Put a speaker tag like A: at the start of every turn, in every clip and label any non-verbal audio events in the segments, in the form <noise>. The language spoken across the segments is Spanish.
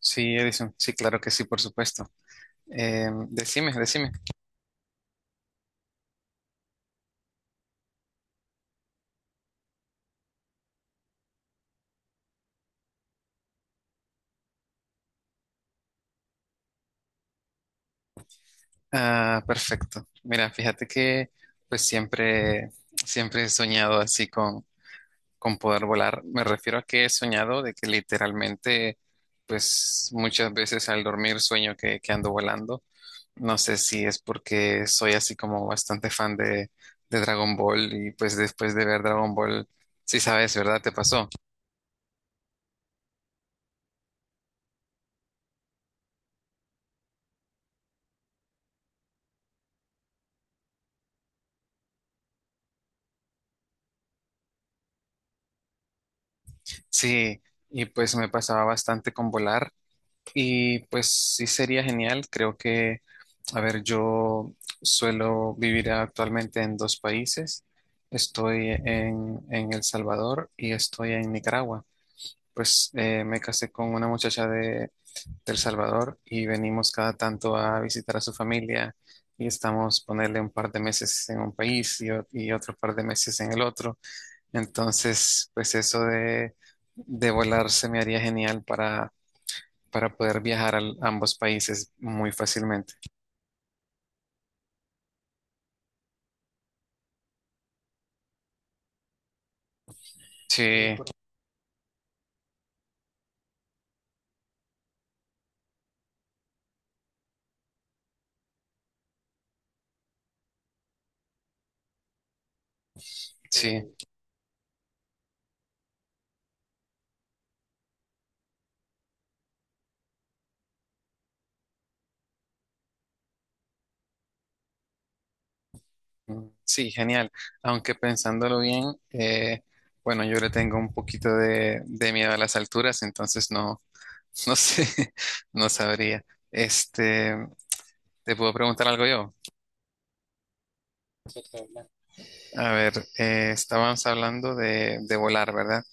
A: Sí, Edison, sí, claro que sí, por supuesto. Decime, decime. Ah, perfecto. Mira, fíjate que pues siempre, siempre he soñado así con poder volar. Me refiero a que he soñado de que literalmente pues muchas veces al dormir sueño que ando volando. No sé si es porque soy así como bastante fan de Dragon Ball y pues después de ver Dragon Ball, sí sabes, ¿verdad? ¿Te pasó? Sí, y pues me pasaba bastante con volar. Y pues sí sería genial. Creo que, a ver, yo suelo vivir actualmente en dos países. Estoy en El Salvador y estoy en Nicaragua. Pues me casé con una muchacha de El Salvador y venimos cada tanto a visitar a su familia y estamos ponerle un par de meses en un país y, y otro par de meses en el otro. Entonces, pues eso de volar se me haría genial para poder viajar a ambos países muy fácilmente. Sí, sí, sí, mm, sí, genial. Aunque pensándolo bien, eh, bueno, yo le tengo un poquito de miedo a las alturas, entonces no, no sé, <laughs> no sabría. Este, te puedo preguntar algo yo. A ver, estábamos hablando de volar, ¿verdad?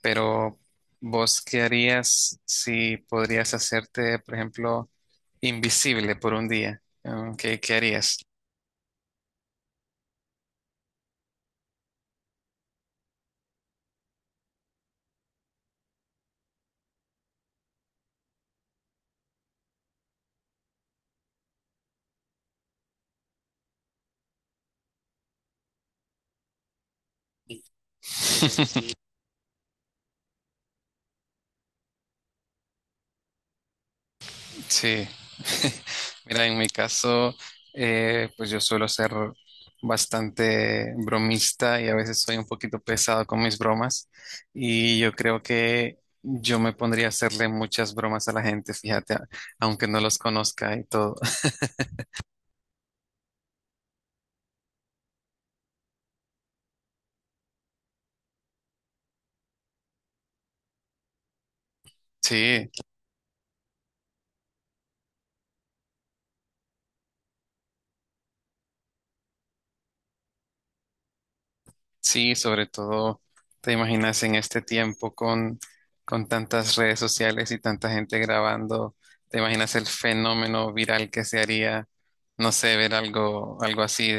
A: Pero ¿vos qué harías si podrías hacerte, por ejemplo, invisible por un día? Mm, ¿qué, qué harías? <laughs> Sí, <laughs> mira, en mi caso, pues yo suelo ser bastante bromista y a veces soy un poquito pesado con mis bromas y yo creo que yo me pondría a hacerle muchas bromas a la gente, fíjate, a- aunque no los conozca y todo. <laughs> Sí, sí, sobre todo, te imaginas en este tiempo con tantas redes sociales y tanta gente grabando, te imaginas el fenómeno viral que se haría, no sé, ver algo, algo así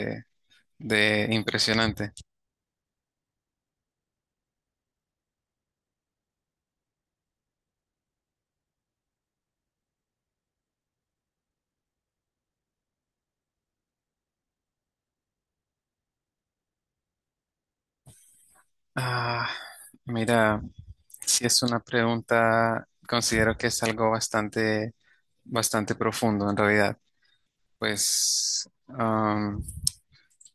A: de impresionante. Ah, mira, si es una pregunta, considero que es algo bastante, bastante profundo en realidad. Pues,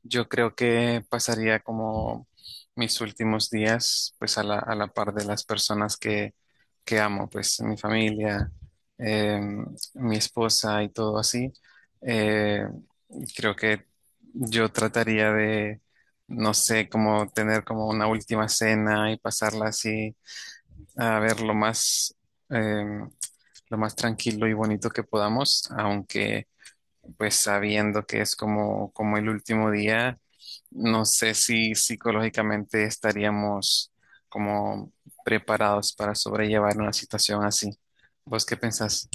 A: yo creo que pasaría como mis últimos días, pues a a la par de las personas que amo, pues mi familia, eh, mi esposa y todo así. Eh, creo que yo trataría de, no sé, como tener como una última cena y pasarla así a ver eh, lo más tranquilo y bonito que podamos, aunque pues sabiendo que es como, como el último día, no sé si psicológicamente estaríamos como preparados para sobrellevar una situación así. ¿Vos qué pensás?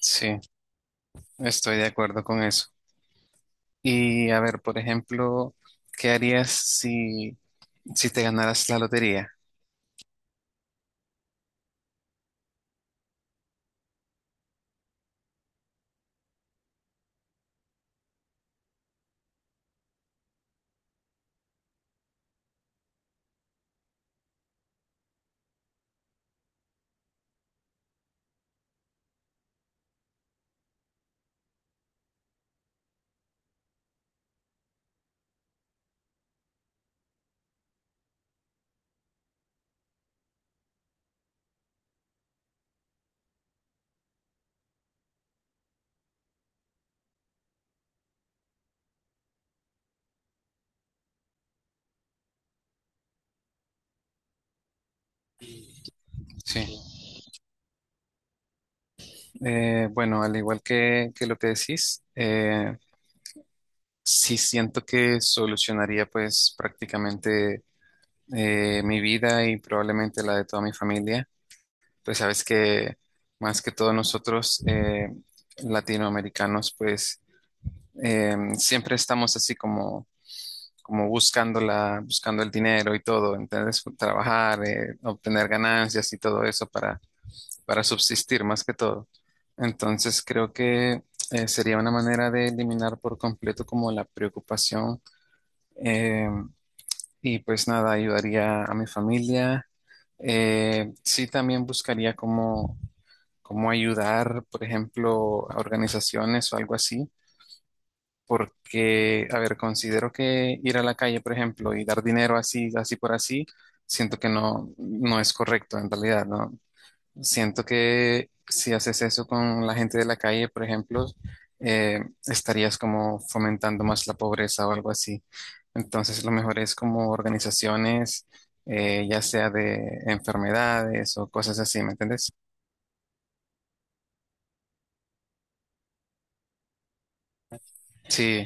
A: Sí, estoy de acuerdo con eso. Y a ver, por ejemplo, ¿qué harías si te ganaras la lotería? Sí. Bueno, al igual que lo que decís, sí siento que solucionaría pues prácticamente mi vida y probablemente la de toda mi familia. Pues sabes que más que todos nosotros latinoamericanos, pues siempre estamos así como, como buscando buscando el dinero y todo, entonces trabajar, obtener ganancias y todo eso para subsistir más que todo. Entonces creo que sería una manera de eliminar por completo como la preocupación, eh, y pues nada, ayudaría a mi familia. Sí, también buscaría cómo, cómo ayudar, por ejemplo, a organizaciones o algo así, porque, a ver, considero que ir a la calle, por ejemplo, y dar dinero así, así por así, siento que no, no es correcto en realidad, ¿no? Siento que si haces eso con la gente de la calle, por ejemplo, eh, estarías como fomentando más la pobreza o algo así. Entonces, lo mejor es como organizaciones, ya sea de enfermedades o cosas así, ¿me entiendes? Sí,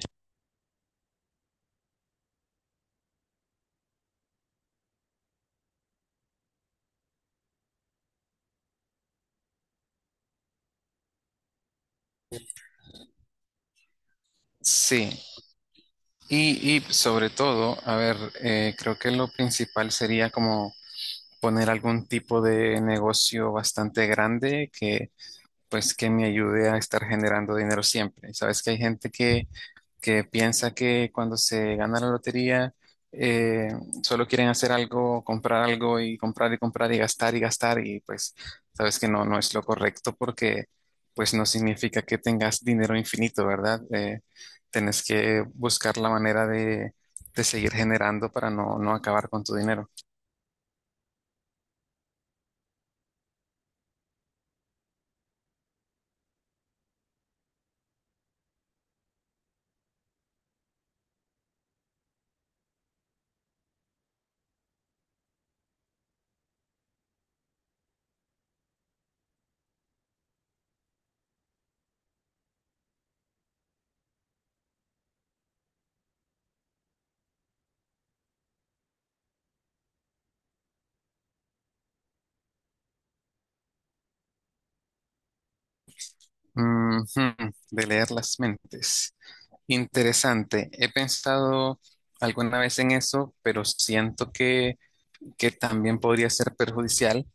A: sí. Y sobre todo, a ver, creo que lo principal sería como poner algún tipo de negocio bastante grande que, pues, que me ayude a estar generando dinero siempre. Sabes que hay gente que piensa que cuando se gana la lotería eh, solo quieren hacer algo, comprar algo y comprar y comprar y gastar y gastar y pues sabes que no, no es lo correcto porque pues no significa que tengas dinero infinito, ¿verdad? Tenés que buscar la manera de seguir generando para no, no acabar con tu dinero. Ujú, de leer las mentes. Interesante. He pensado alguna vez en eso, pero siento que también podría ser perjudicial,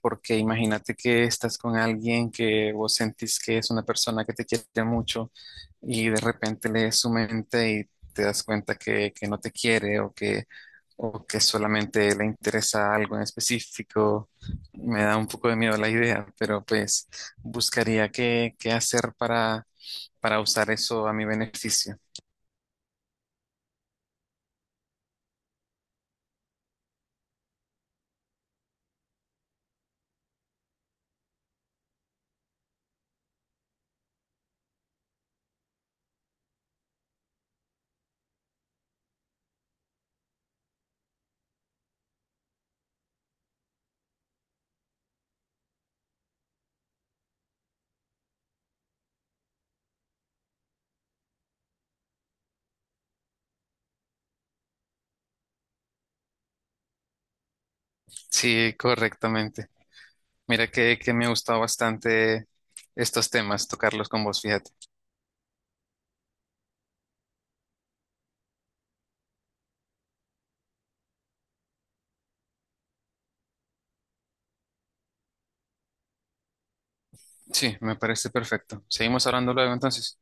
A: porque imagínate que estás con alguien que vos sentís que es una persona que te quiere mucho y de repente lees su mente y te das cuenta que no te quiere o que solamente le interesa algo en específico. Me da un poco de miedo la idea, pero pues buscaría qué, qué hacer para usar eso a mi beneficio. Sí, correctamente. Mira que me gusta bastante estos temas, tocarlos con vos, fíjate. Sí, me parece perfecto. Seguimos hablando luego entonces.